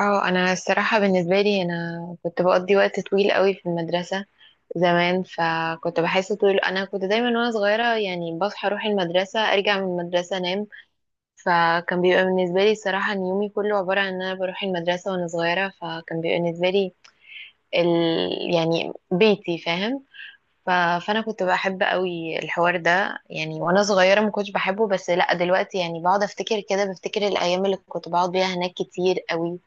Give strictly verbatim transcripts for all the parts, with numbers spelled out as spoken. اه انا الصراحه بالنسبه لي انا كنت بقضي وقت طويل قوي في المدرسه زمان، فكنت بحس طول انا كنت دايما وانا صغيره يعني بصحى اروح المدرسه ارجع من المدرسه انام. فكان بيبقى بالنسبه لي الصراحه ان يومي كله عباره عن ان انا بروح المدرسه وانا صغيره، فكان بيبقى بالنسبه لي ال... يعني بيتي، فاهم؟ ف... فانا كنت بحب قوي الحوار ده، يعني وانا صغيره ما كنتش بحبه بس لا دلوقتي، يعني بقعد افتكر كده، بفتكر الايام اللي كنت بقعد بيها هناك كتير قوي.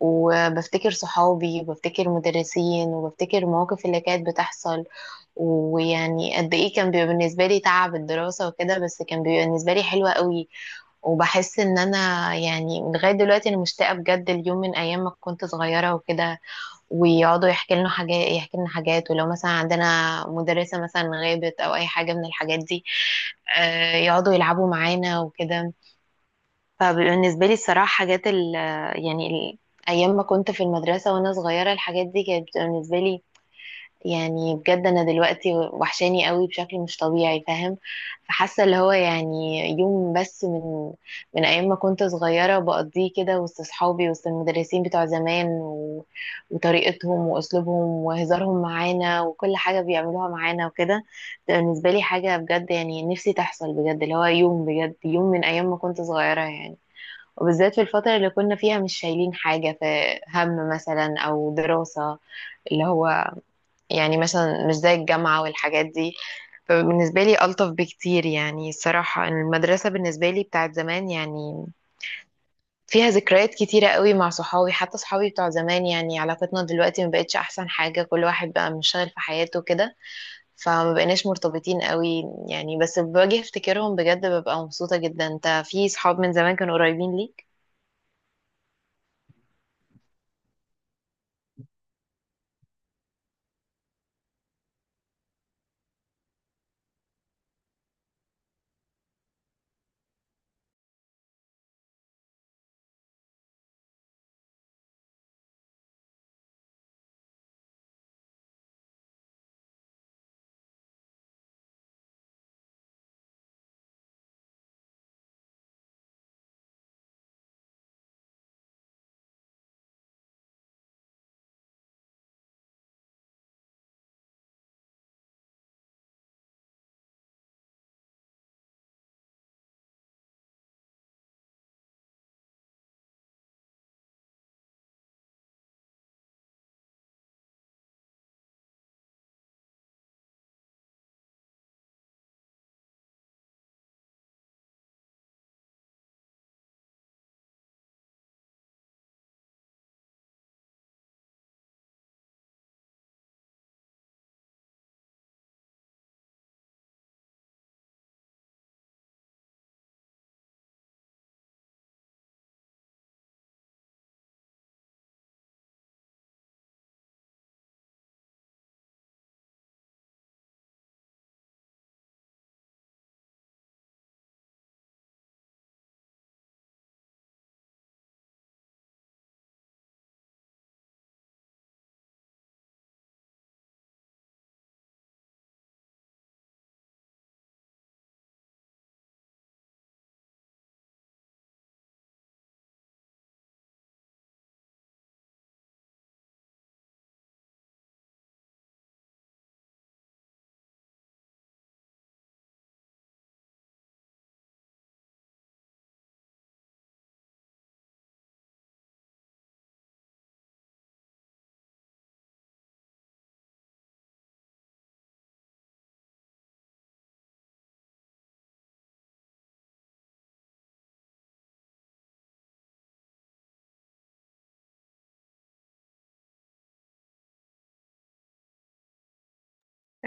وبفتكر صحابي وبفتكر مدرسين وبفتكر المواقف اللي كانت بتحصل. ويعني قد ايه كان بيبقى بالنسبة لي تعب الدراسة وكده، بس كان بيبقى بالنسبة لي حلوة قوي. وبحس ان انا يعني لغاية دلوقتي انا مشتاقة بجد اليوم من ايام ما كنت صغيرة وكده، ويقعدوا يحكي لنا حاجات يحكي لنا حاجات، ولو مثلا عندنا مدرسة مثلا غابت او اي حاجة من الحاجات دي آه، يقعدوا يلعبوا معانا وكده. فبالنسبة لي الصراحة حاجات ال يعني ال أيام ما كنت في المدرسة وأنا صغيرة، الحاجات دي كانت بتبقى بالنسبة لي، يعني بجد أنا دلوقتي وحشاني قوي بشكل مش طبيعي، فاهم؟ فحاسة اللي هو يعني يوم بس من من أيام ما كنت صغيرة بقضيه كده وسط صحابي، وسط المدرسين بتوع زمان، و... وطريقتهم وأسلوبهم وهزارهم معانا وكل حاجة بيعملوها معانا وكده. ده بالنسبة لي حاجة بجد يعني نفسي تحصل بجد، اللي هو يوم بجد، يوم من أيام ما كنت صغيرة يعني. وبالذات في الفترة اللي كنا فيها مش شايلين حاجة في هم مثلا أو دراسة، اللي هو يعني مثلا مش زي الجامعة والحاجات دي. فبالنسبة لي ألطف بكتير، يعني الصراحة المدرسة بالنسبة لي بتاعت زمان يعني فيها ذكريات كتيرة قوي مع صحابي. حتى صحابي بتوع زمان يعني علاقتنا دلوقتي ما بقتش أحسن حاجة، كل واحد بقى منشغل في حياته كده، فما بقيناش مرتبطين قوي يعني. بس باجي افتكرهم بجد ببقى مبسوطة جدا. انت في صحاب من زمان كانوا قريبين ليك؟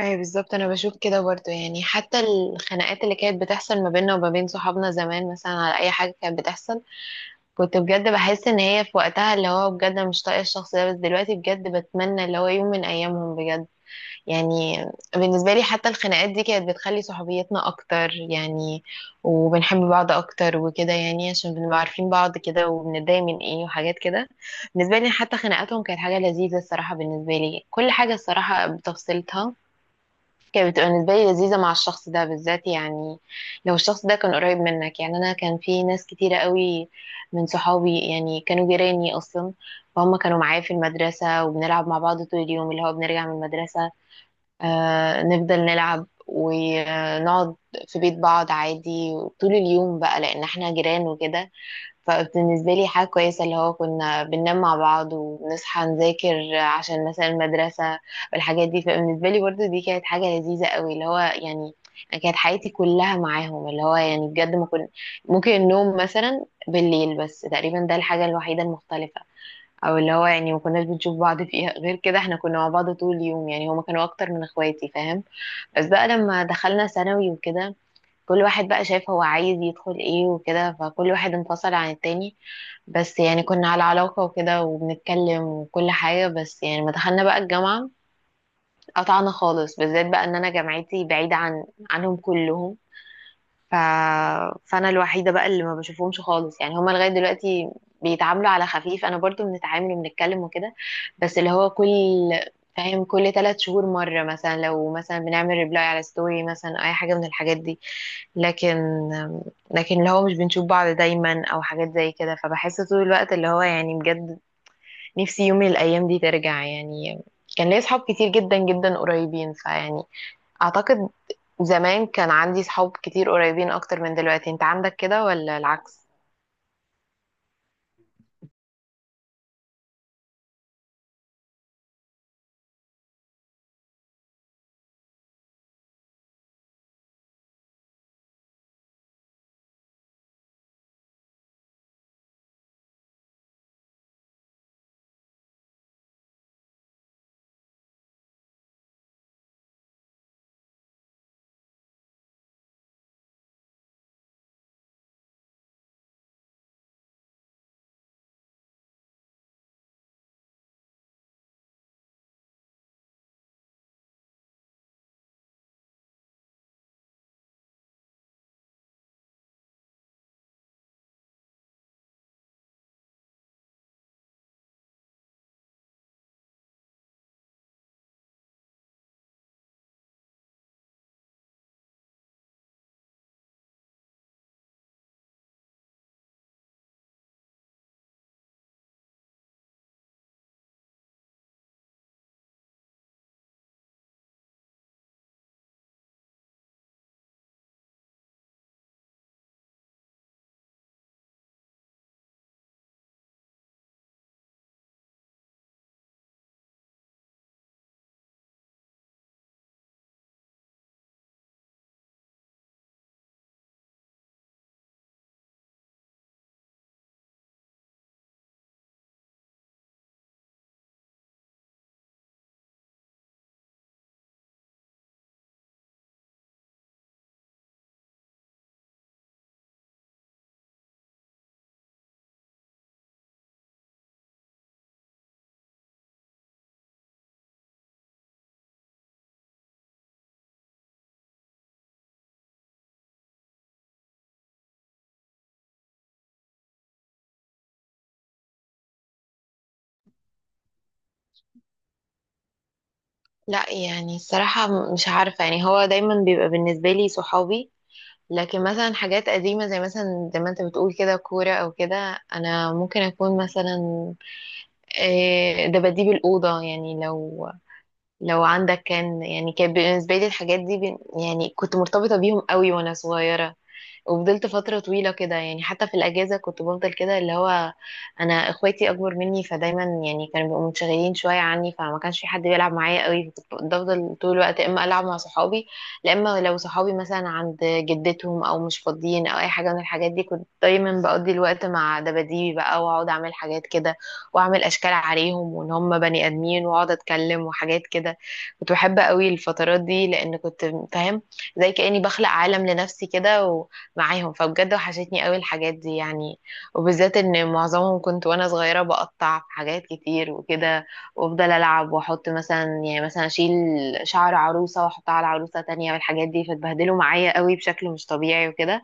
اي بالظبط. انا بشوف كده برضو يعني، حتى الخناقات اللي كانت بتحصل ما بيننا وما بين صحابنا زمان مثلا على اي حاجه كانت بتحصل، كنت بجد بحس ان هي في وقتها اللي هو بجد أنا مش طايقه الشخص ده، بس دلوقتي بجد بتمنى اللي هو يوم من ايامهم بجد يعني. بالنسبه لي حتى الخناقات دي كانت بتخلي صحوبيتنا اكتر يعني، وبنحب بعض اكتر وكده، يعني عشان بنبقى عارفين بعض كده وبنتضايق من ايه وحاجات كده. بالنسبه لي حتى خناقاتهم كانت حاجه لذيذه الصراحه. بالنسبه لي كل حاجه الصراحه بتفصيلتها كانت بتبقى بالنسبة لي لذيذة مع الشخص ده بالذات يعني. لو الشخص ده كان قريب منك يعني، أنا كان في ناس كتيرة قوي من صحابي يعني كانوا جيراني أصلا. فهم كانوا معايا في المدرسة وبنلعب مع بعض طول اليوم، اللي هو بنرجع من المدرسة، آه نفضل نلعب ونقعد في بيت بعض عادي طول اليوم بقى لأن احنا جيران وكده. فبالنسبة لي حاجة كويسة اللي هو كنا بننام مع بعض وبنصحى نذاكر عشان مثلا المدرسة والحاجات دي، فبالنسبة لي برضو دي كانت حاجة لذيذة قوي. اللي هو يعني أنا كانت حياتي كلها معاهم، اللي هو يعني بجد ما كنت ممكن النوم مثلا بالليل بس، تقريبا ده الحاجة الوحيدة المختلفة، او اللي هو يعني ما كناش بنشوف بعض فيها غير كده، احنا كنا مع بعض طول اليوم يعني هما كانوا اكتر من اخواتي، فاهم؟ بس بقى لما دخلنا ثانوي وكده، كل واحد بقى شايف هو عايز يدخل ايه وكده فكل واحد انفصل عن التاني. بس يعني كنا على علاقة وكده وبنتكلم وكل حاجة، بس يعني ما دخلنا بقى الجامعة قطعنا خالص، بالذات بقى ان انا جامعتي بعيدة عن عنهم كلهم. ف... فانا الوحيده بقى اللي ما بشوفهمش خالص يعني، هما لغايه دلوقتي بيتعاملوا على خفيف انا برضو بنتعامل وبنتكلم وكده. بس اللي هو كل، فاهم؟ كل ثلاث شهور مره مثلا، لو مثلا بنعمل ريبلاي على ستوري مثلا اي حاجه من الحاجات دي. لكن لكن اللي هو مش بنشوف بعض دايما او حاجات زي كده، فبحس طول الوقت اللي هو يعني بجد نفسي يوم من الايام دي ترجع يعني. كان ليا اصحاب كتير جدا جدا قريبين، فيعني اعتقد زمان كان عندي صحاب كتير قريبين اكتر من دلوقتي. انت عندك كده ولا العكس؟ لا يعني الصراحة م- مش عارفة يعني، هو دايما بيبقى بالنسبة لي صحابي. لكن مثلا حاجات قديمة زي مثلا زي ما انت بتقول كده كورة او كده، انا ممكن اكون مثلا إيه، دباديب الأوضة يعني. لو لو عندك كان يعني كان بالنسبة لي الحاجات دي بن- يعني كنت مرتبطة بيهم قوي وانا صغيرة. وفضلت فترة طويلة كده يعني، حتى في الأجازة كنت بفضل كده اللي هو أنا إخواتي أكبر مني فدايما يعني كانوا بيبقوا منشغلين شوية عني، فما كانش في حد بيلعب معايا قوي، فكنت بفضل طول الوقت يا إما ألعب مع صحابي، يا إما لو صحابي مثلا عند جدتهم أو مش فاضيين أو أي حاجة من الحاجات دي كنت دايما بقضي الوقت مع دباديبي بقى، وأقعد أعمل حاجات كده وأعمل أشكال عليهم وإن هم بني آدمين وأقعد أتكلم وحاجات كده. كنت بحب قوي الفترات دي لأن كنت فاهم زي كأني بخلق عالم لنفسي كده معاهم. فبجد وحشتني قوي الحاجات دي يعني، وبالذات ان معظمهم كنت وانا صغيرة بقطع في حاجات كتير وكده، وافضل العب واحط مثلا يعني مثلا اشيل شعر عروسة واحطها على عروسة تانية والحاجات دي فتبهدلوا معايا قوي بشكل مش طبيعي وكده.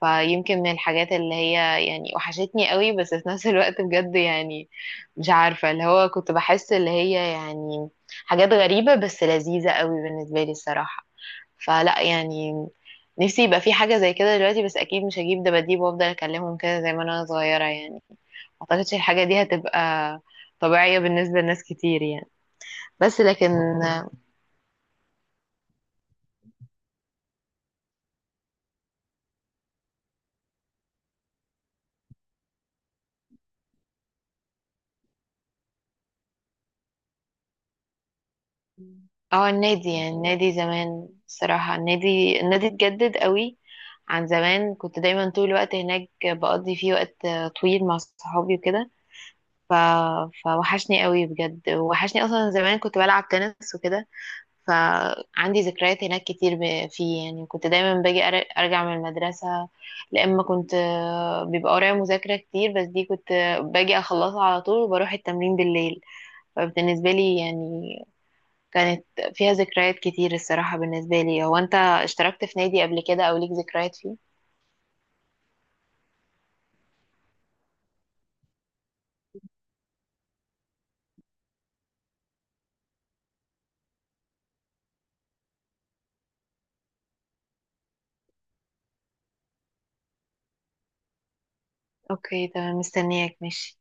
فيمكن من الحاجات اللي هي يعني وحشتني قوي، بس في نفس الوقت بجد يعني مش عارفة اللي هو كنت بحس اللي هي يعني حاجات غريبة بس لذيذة قوي بالنسبة لي الصراحة. فلا يعني نفسي يبقى في حاجة زي كده دلوقتي، بس أكيد مش هجيب دباديب وأفضل أكلمهم كده زي ما أنا صغيرة يعني. ما أعتقدش الحاجة دي هتبقى طبيعية بالنسبة لناس كتير يعني. بس لكن اه النادي يعني، النادي زمان الصراحة، النادي النادي اتجدد قوي عن زمان. كنت دايما طول الوقت هناك بقضي فيه وقت طويل مع صحابي وكده. ف... فوحشني قوي بجد، وحشني أصلا زمان كنت بلعب تنس وكده، فعندي ذكريات هناك كتير. ب- فيه يعني كنت دايما باجي أر- ارجع من المدرسة لأما كنت آه، بيبقى ورايا مذاكرة كتير، بس دي كنت آه، باجي اخلصها على طول وبروح التمرين بالليل. فبالنسبة لي يعني كانت فيها ذكريات كتير الصراحة بالنسبة لي. هو انت اشتركت في نادي قبل كده او ليك ذكريات فيه؟ اوكي تمام، مستنياك، ماشي.